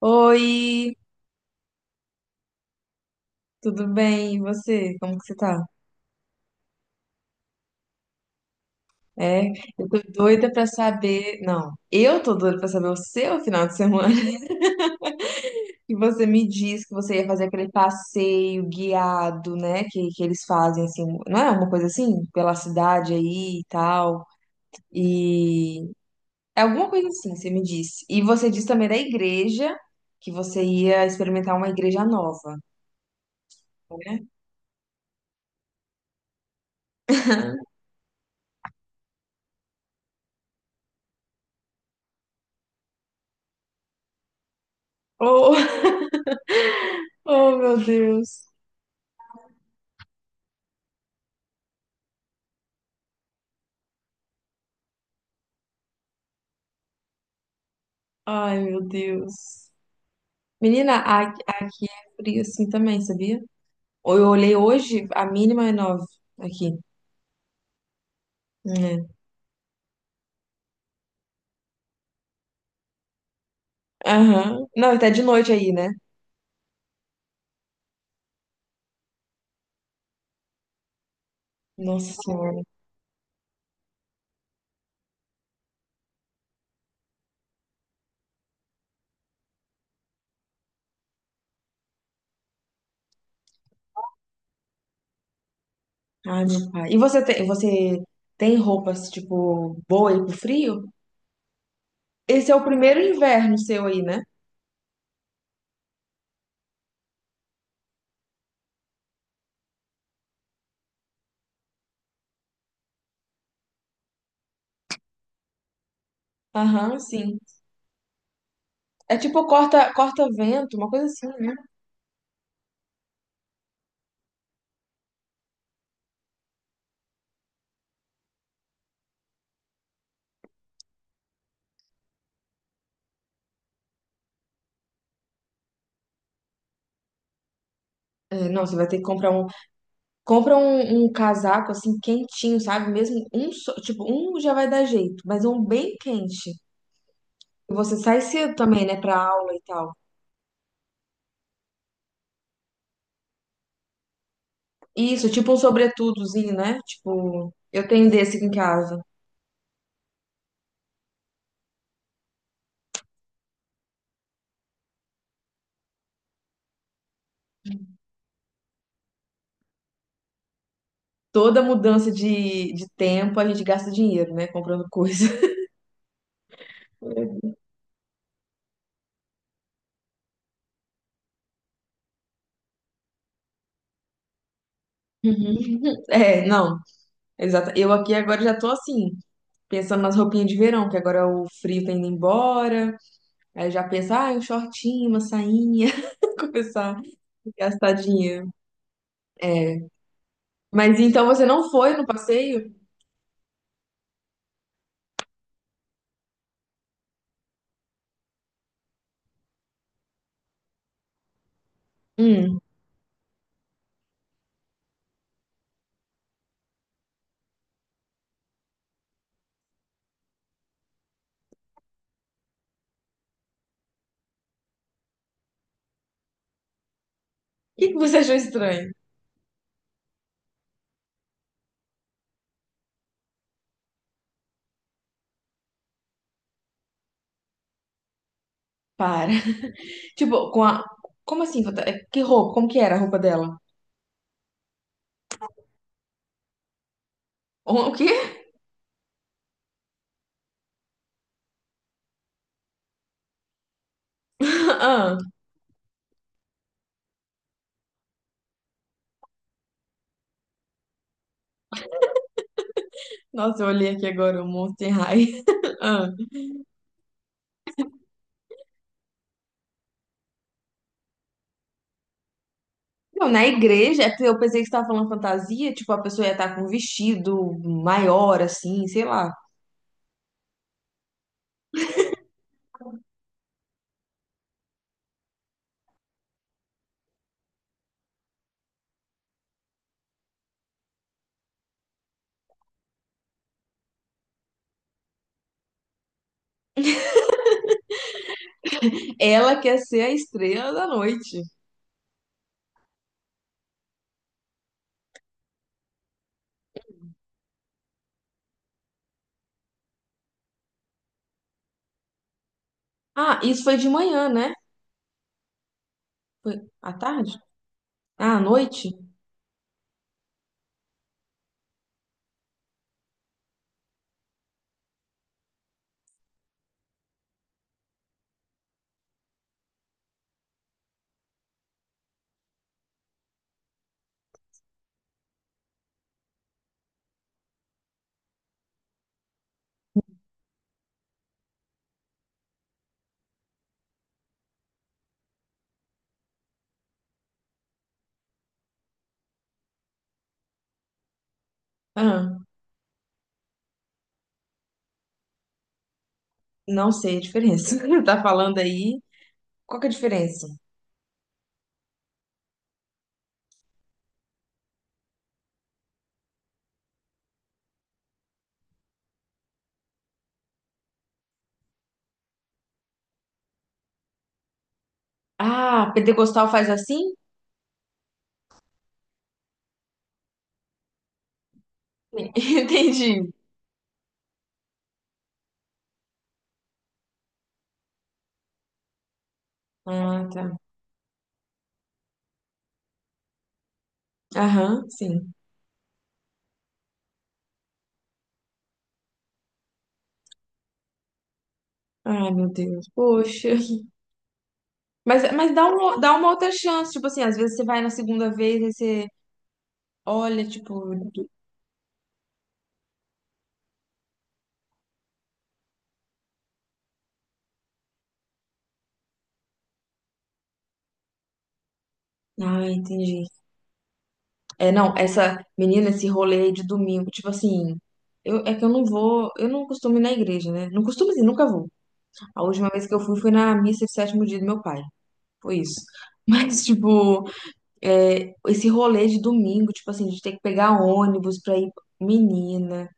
Oi, tudo bem? E você? Como que você tá? É, eu tô doida pra saber. Não, eu tô doida pra saber o seu final de semana. E você me disse que você ia fazer aquele passeio guiado, né? Que eles fazem assim, não é uma coisa assim? Pela cidade aí e tal. E é alguma coisa assim, você me disse. E você disse também da igreja que você ia experimentar uma igreja nova, né? Oh, oh, meu Deus. Ai, meu Deus. Menina, aqui tá frio assim também, sabia? Eu olhei hoje, a mínima é 9 aqui, né? Aham. Não, e tá de noite aí, né? Nossa Senhora. Ai, meu pai. E você tem roupas, tipo, boa aí pro frio? Esse é o primeiro inverno seu aí, né? Aham, sim. É tipo corta-vento, uma coisa assim, né? É, não, você vai ter que compra um casaco assim quentinho, sabe? Mesmo um, só- tipo, um já vai dar jeito, mas é um bem quente. Você sai cedo também, né, pra aula e tal. Isso, tipo um sobretudozinho, né? Tipo, eu tenho desse aqui em casa. Toda mudança de tempo a gente gasta dinheiro, né, comprando coisa. Uhum. É, não, exato. Eu aqui agora já tô assim, pensando nas roupinhas de verão, que agora o frio tá indo embora. Aí eu já penso, ah, um shortinho, uma sainha. Começar a gastar dinheiro. É. Mas então você não foi no passeio? Hum. O que que você achou estranho? Para. Tipo, com a. Como assim? É, que roupa? Como que era a roupa dela? O quê? Ah, nossa, eu olhei aqui agora o Monster High. Ah. Não, na igreja, é porque eu pensei que você tava falando fantasia, tipo, a pessoa ia estar com um vestido maior, assim, sei lá. Ela quer ser a estrela da noite. Ah, isso foi de manhã, né? Foi à tarde? Ah, à noite? Ah, não sei a diferença. Tá falando aí. Qual que é a diferença? Ah, pentecostal faz assim? Entendi. Ah, tá. Aham, sim. Ai, meu Deus, poxa. Mas dá uma outra chance, tipo assim, às vezes você vai na segunda vez e você olha, tipo. Ah, entendi. É, não, essa menina, esse rolê aí de domingo, tipo assim, eu, é que eu não vou, eu não costumo ir na igreja, né? Não costumo assim, nunca vou. A última vez que eu fui foi na missa de sétimo dia do meu pai. Foi isso. Mas, tipo, é, esse rolê de domingo, tipo assim, de ter que pegar ônibus pra ir, menina.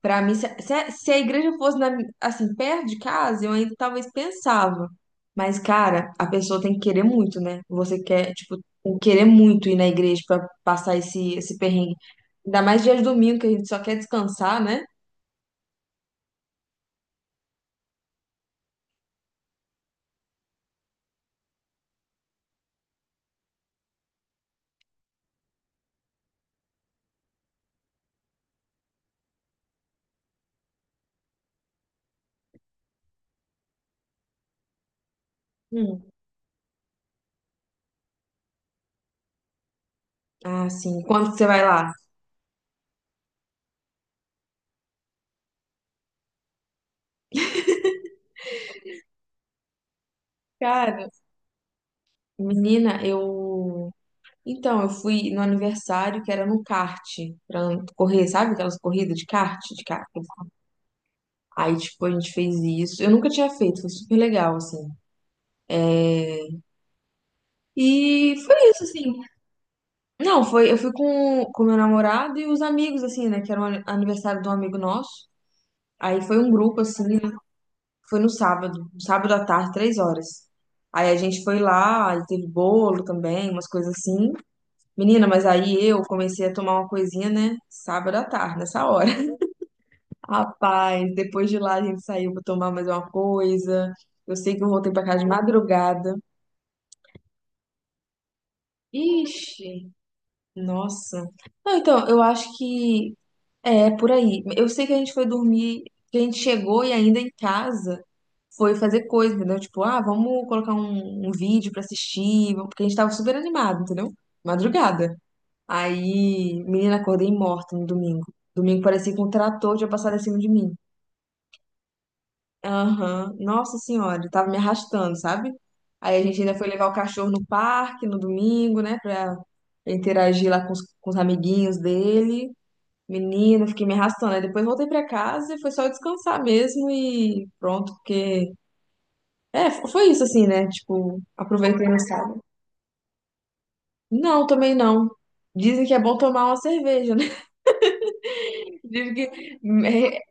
Pra mim, se a igreja fosse na mi- assim, perto de casa, eu ainda talvez pensava. Mas, cara, a pessoa tem que querer muito, né? Você quer, tipo, tem que querer muito ir na igreja pra passar esse perrengue. Ainda mais dia de domingo, que a gente só quer descansar, né? Hum. Ah, sim. Quando que você vai lá? Cara, menina, eu. Então, eu fui no aniversário que era no kart, pra correr, sabe aquelas corridas de kart? Aí, tipo, a gente fez isso. Eu nunca tinha feito, foi super legal, assim. E foi isso, assim. Não, foi, eu fui com meu namorado e os amigos, assim, né? Que era o aniversário de um amigo nosso. Aí foi um grupo, assim, foi no sábado, um sábado à tarde, 3 horas. Aí a gente foi lá, e teve bolo também, umas coisas assim. Menina, mas aí eu comecei a tomar uma coisinha, né? Sábado à tarde, nessa hora. Rapaz, depois de lá a gente saiu pra tomar mais uma coisa. Eu sei que eu voltei pra casa de madrugada. Ixi, nossa. Não, então, eu acho que é, por aí. Eu sei que a gente foi dormir, que a gente chegou e ainda em casa foi fazer coisa, entendeu? Tipo, ah, vamos colocar um vídeo pra assistir, vamos- porque a gente tava super animado, entendeu? Madrugada. Aí, menina, acordei morta no domingo. Domingo parecia que um trator tinha passado em cima de mim. Aham, Nossa Senhora, eu tava me arrastando, sabe? Aí a gente ainda foi levar o cachorro no parque no domingo, né, pra interagir lá com com os amiguinhos dele. Menino, fiquei me arrastando. Aí depois voltei pra casa e foi só descansar mesmo e pronto, porque. É, foi isso assim, né? Tipo, aproveitei no sábado. Não, também não. Dizem que é bom tomar uma cerveja, né? Dizem que. É,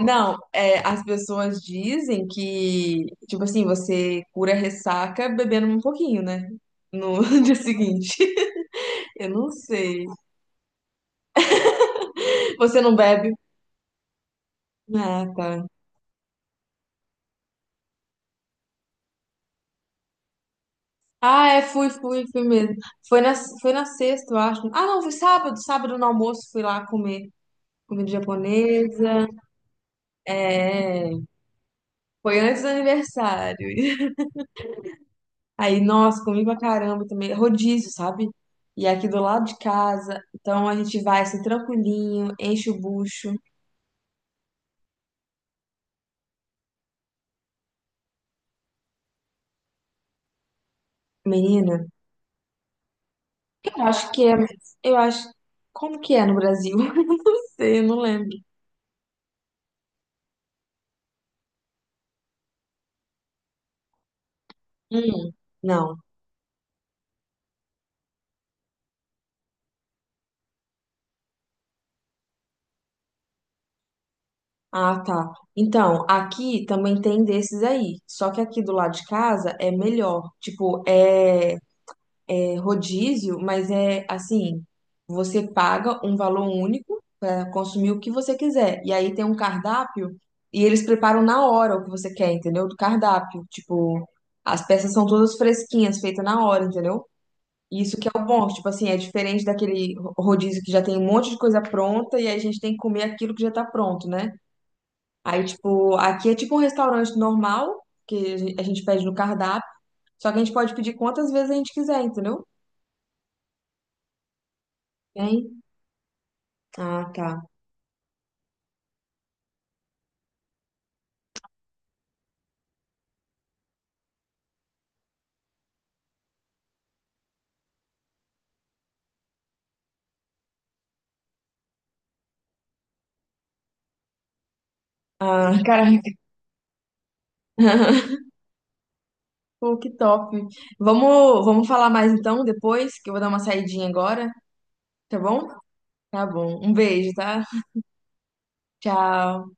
não, é, as pessoas dizem que, tipo assim, você cura a ressaca bebendo um pouquinho, né? No dia seguinte. Eu não sei. Você não bebe? Ah, tá. Ah, é, fui, fui, fui mesmo. Foi na, foi na sexta, eu acho. Ah, não, foi sábado. Sábado no almoço fui lá comer comida japonesa. É, foi antes do aniversário. Aí, nossa, comi pra caramba também. Rodízio, sabe? E é aqui do lado de casa. Então a gente vai assim, tranquilinho, enche o bucho. Menina, eu acho que é. Eu acho. Como que é no Brasil? Não sei, eu não lembro. Hum, não. Ah, tá. Então, aqui também tem desses aí. Só que aqui do lado de casa é melhor. Tipo, é, é rodízio, mas é assim, você paga um valor único para consumir o que você quiser. E aí tem um cardápio e eles preparam na hora o que você quer, entendeu? Do cardápio. Tipo, as peças são todas fresquinhas, feitas na hora, entendeu? E isso que é o bom, tipo assim, é diferente daquele rodízio que já tem um monte de coisa pronta e aí a gente tem que comer aquilo que já tá pronto, né? Aí, tipo, aqui é tipo um restaurante normal, que a a gente pede no cardápio, só que a gente pode pedir quantas vezes a gente quiser, entendeu? Tem? Ah, tá. Ah, caraca. Pô, que top. Vamos falar mais então depois, que eu vou dar uma saidinha agora, tá bom? Tá bom. Um beijo, tá? Tchau.